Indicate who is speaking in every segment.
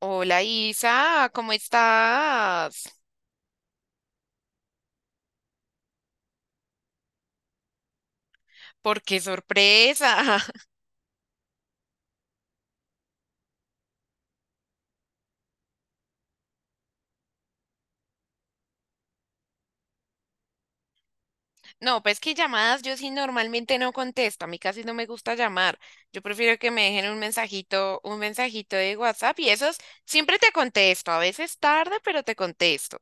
Speaker 1: Hola Isa, ¿cómo estás? ¿Por qué sorpresa? No, pues que llamadas yo sí normalmente no contesto, a mí casi no me gusta llamar. Yo prefiero que me dejen un mensajito de WhatsApp y esos siempre te contesto, a veces tarde, pero te contesto.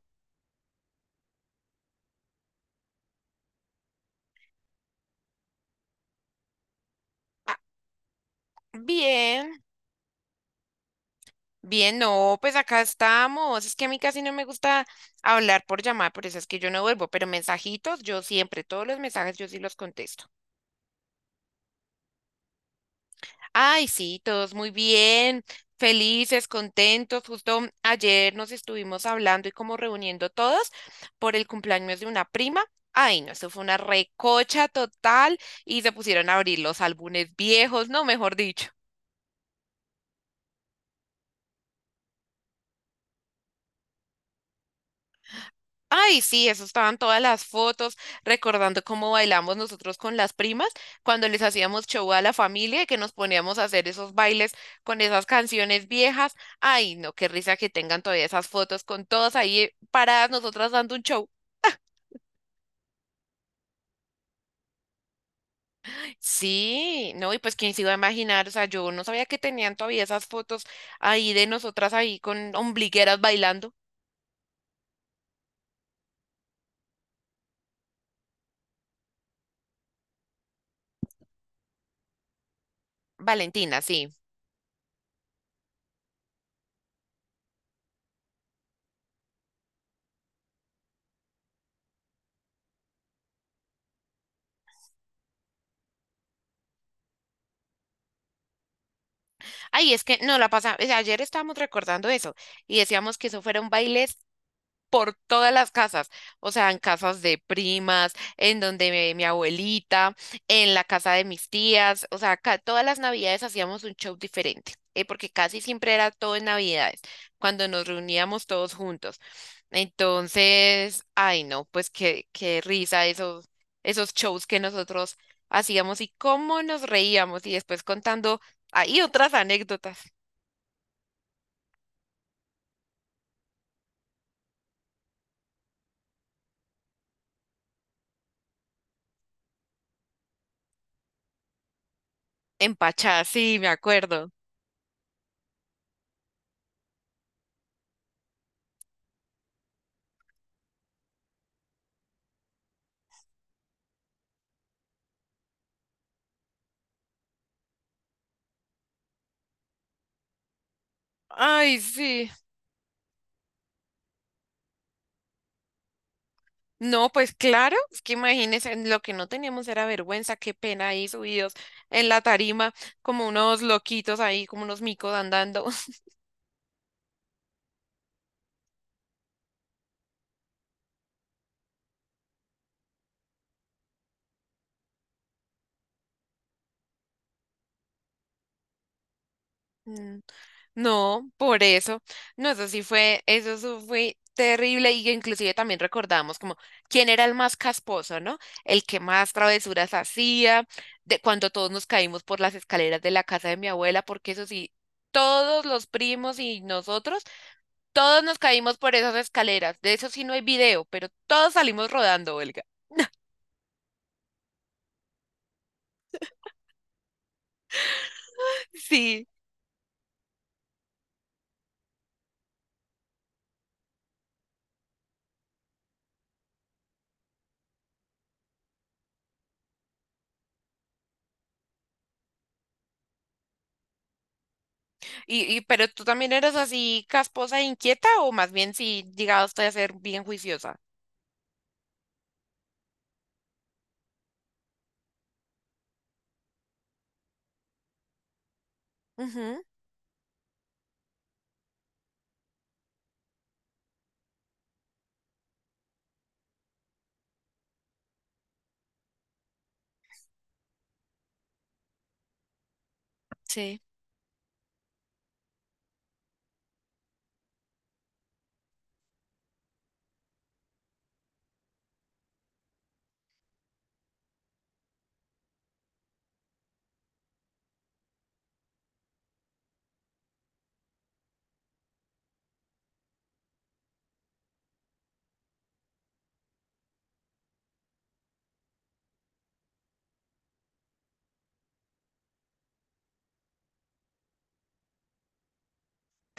Speaker 1: Ah, bien, bien, no, pues acá estamos. Es que a mí casi no me gusta hablar por llamar, por eso es que yo no vuelvo, pero mensajitos yo siempre, todos los mensajes yo sí los contesto. Ay, sí, todos muy bien, felices, contentos. Justo ayer nos estuvimos hablando y como reuniendo todos por el cumpleaños de una prima. Ay, no, eso fue una recocha total y se pusieron a abrir los álbumes viejos, no, mejor dicho. Ay, sí, eso estaban todas las fotos, recordando cómo bailamos nosotros con las primas, cuando les hacíamos show a la familia y que nos poníamos a hacer esos bailes con esas canciones viejas. Ay, no, qué risa que tengan todavía esas fotos con todas ahí paradas nosotras dando un show. Sí, no, y pues quién se iba a imaginar, o sea, yo no sabía que tenían todavía esas fotos ahí de nosotras ahí con ombligueras bailando. Valentina, sí. Ay, es que no la pasa. O sea, ayer estábamos recordando eso y decíamos que eso fueron bailes por todas las casas, o sea, en casas de primas, en donde mi abuelita, en la casa de mis tías, o sea, ca- todas las navidades hacíamos un show diferente, porque casi siempre era todo en navidades, cuando nos reuníamos todos juntos. Entonces, ay no, pues qué, qué risa esos, esos shows que nosotros hacíamos y cómo nos reíamos y después contando ahí otras anécdotas. Empachadas, sí, me acuerdo. Ay, sí. No, pues claro, es que imagínense, lo que no teníamos era vergüenza, qué pena ahí subidos en la tarima, como unos loquitos ahí, como unos micos andando. Mm, No, por eso, no, eso sí fue terrible y inclusive también recordamos como quién era el más casposo, ¿no? El que más travesuras hacía, de cuando todos nos caímos por las escaleras de la casa de mi abuela, porque eso sí, todos los primos y nosotros todos nos caímos por esas escaleras. De eso sí no hay video, pero todos salimos rodando, Olga. Sí. Y pero tú también eres así casposa e inquieta, o más bien si llegaste a ser bien juiciosa. Ujú, sí.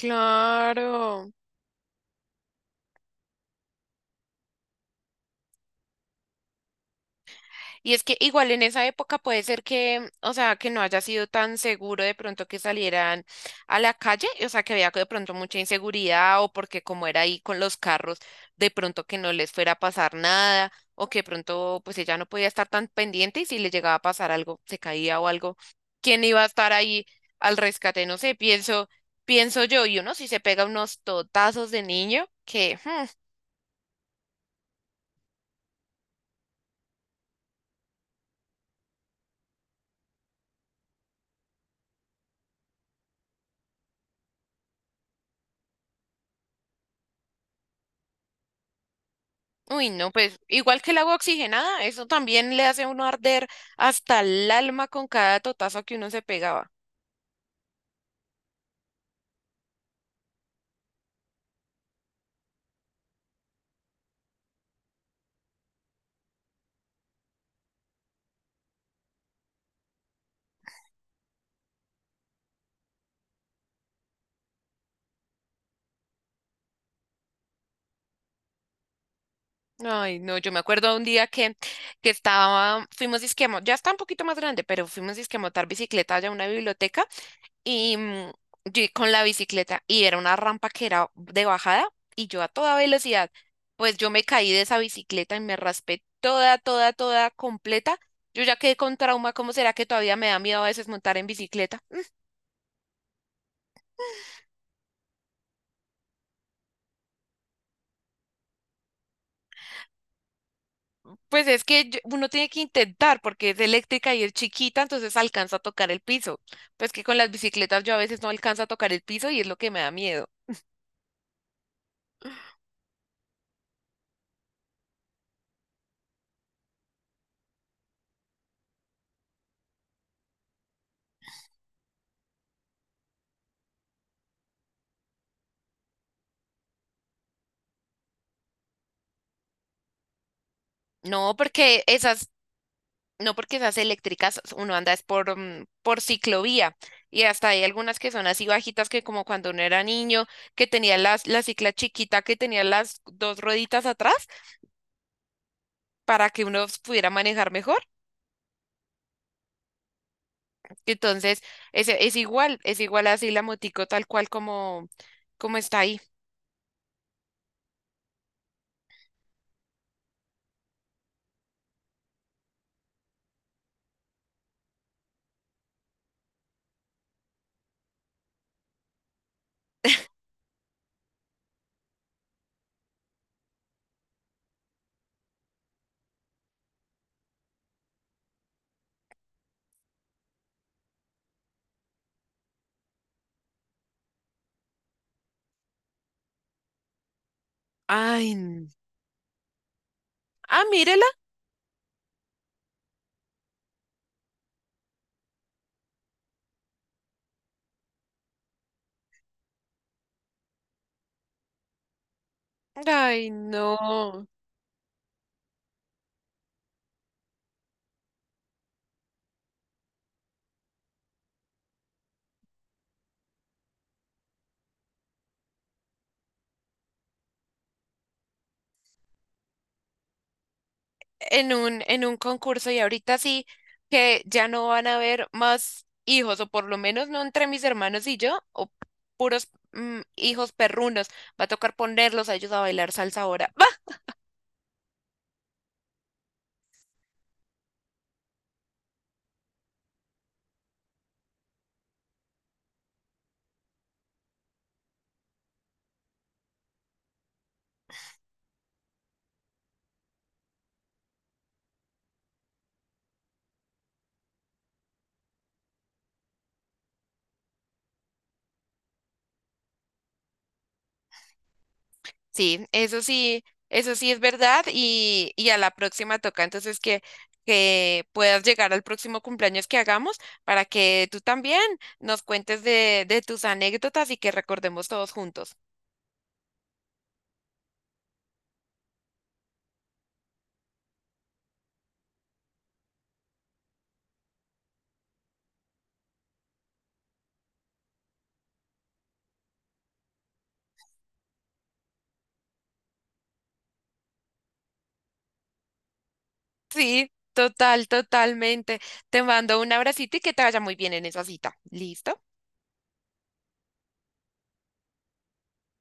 Speaker 1: Claro. Y es que igual en esa época puede ser que, o sea, que no haya sido tan seguro de pronto que salieran a la calle, o sea, que había de pronto mucha inseguridad o porque como era ahí con los carros, de pronto que no les fuera a pasar nada o que de pronto pues ella no podía estar tan pendiente y si le llegaba a pasar algo, se caía o algo, ¿quién iba a estar ahí al rescate? No sé, pienso, pienso yo, y uno si se pega unos totazos de niño, uy, no, pues igual que el agua oxigenada, eso también le hace a uno arder hasta el alma con cada totazo que uno se pegaba. Ay, no, yo me acuerdo un día que estaba, fuimos disque a mo- ya está un poquito más grande, pero fuimos disque a montar bicicleta allá a una biblioteca y yo con la bicicleta y era una rampa que era de bajada y yo a toda velocidad, pues yo me caí de esa bicicleta y me raspé toda, toda, toda completa. Yo ya quedé con trauma, ¿cómo será que todavía me da miedo a veces montar en bicicleta? Pues es que yo- uno tiene que intentar porque es eléctrica y es chiquita, entonces alcanza a tocar el piso. Pues que con las bicicletas yo a veces no alcanza a tocar el piso y es lo que me da miedo. No porque esas, no porque esas eléctricas uno anda es por, por ciclovía y hasta hay algunas que son así bajitas que como cuando uno era niño, que tenía las, la cicla chiquita, que tenía las dos rueditas atrás para que uno pudiera manejar mejor. Entonces, es igual, es igual así la motico tal cual como, como está ahí. Ay, n- ah, mírela. Ay, no. En un concurso y ahorita sí que ya no van a haber más hijos, o por lo menos no entre mis hermanos y yo, o puros hijos perrunos. Va a tocar ponerlos a ellos a bailar salsa ahora. Va. Sí, eso sí, eso sí es verdad y a la próxima toca. Entonces que puedas llegar al próximo cumpleaños que hagamos para que tú también nos cuentes de tus anécdotas y que recordemos todos juntos. Sí, total, totalmente. Te mando un abracito y que te vaya muy bien en esa cita. ¿Listo?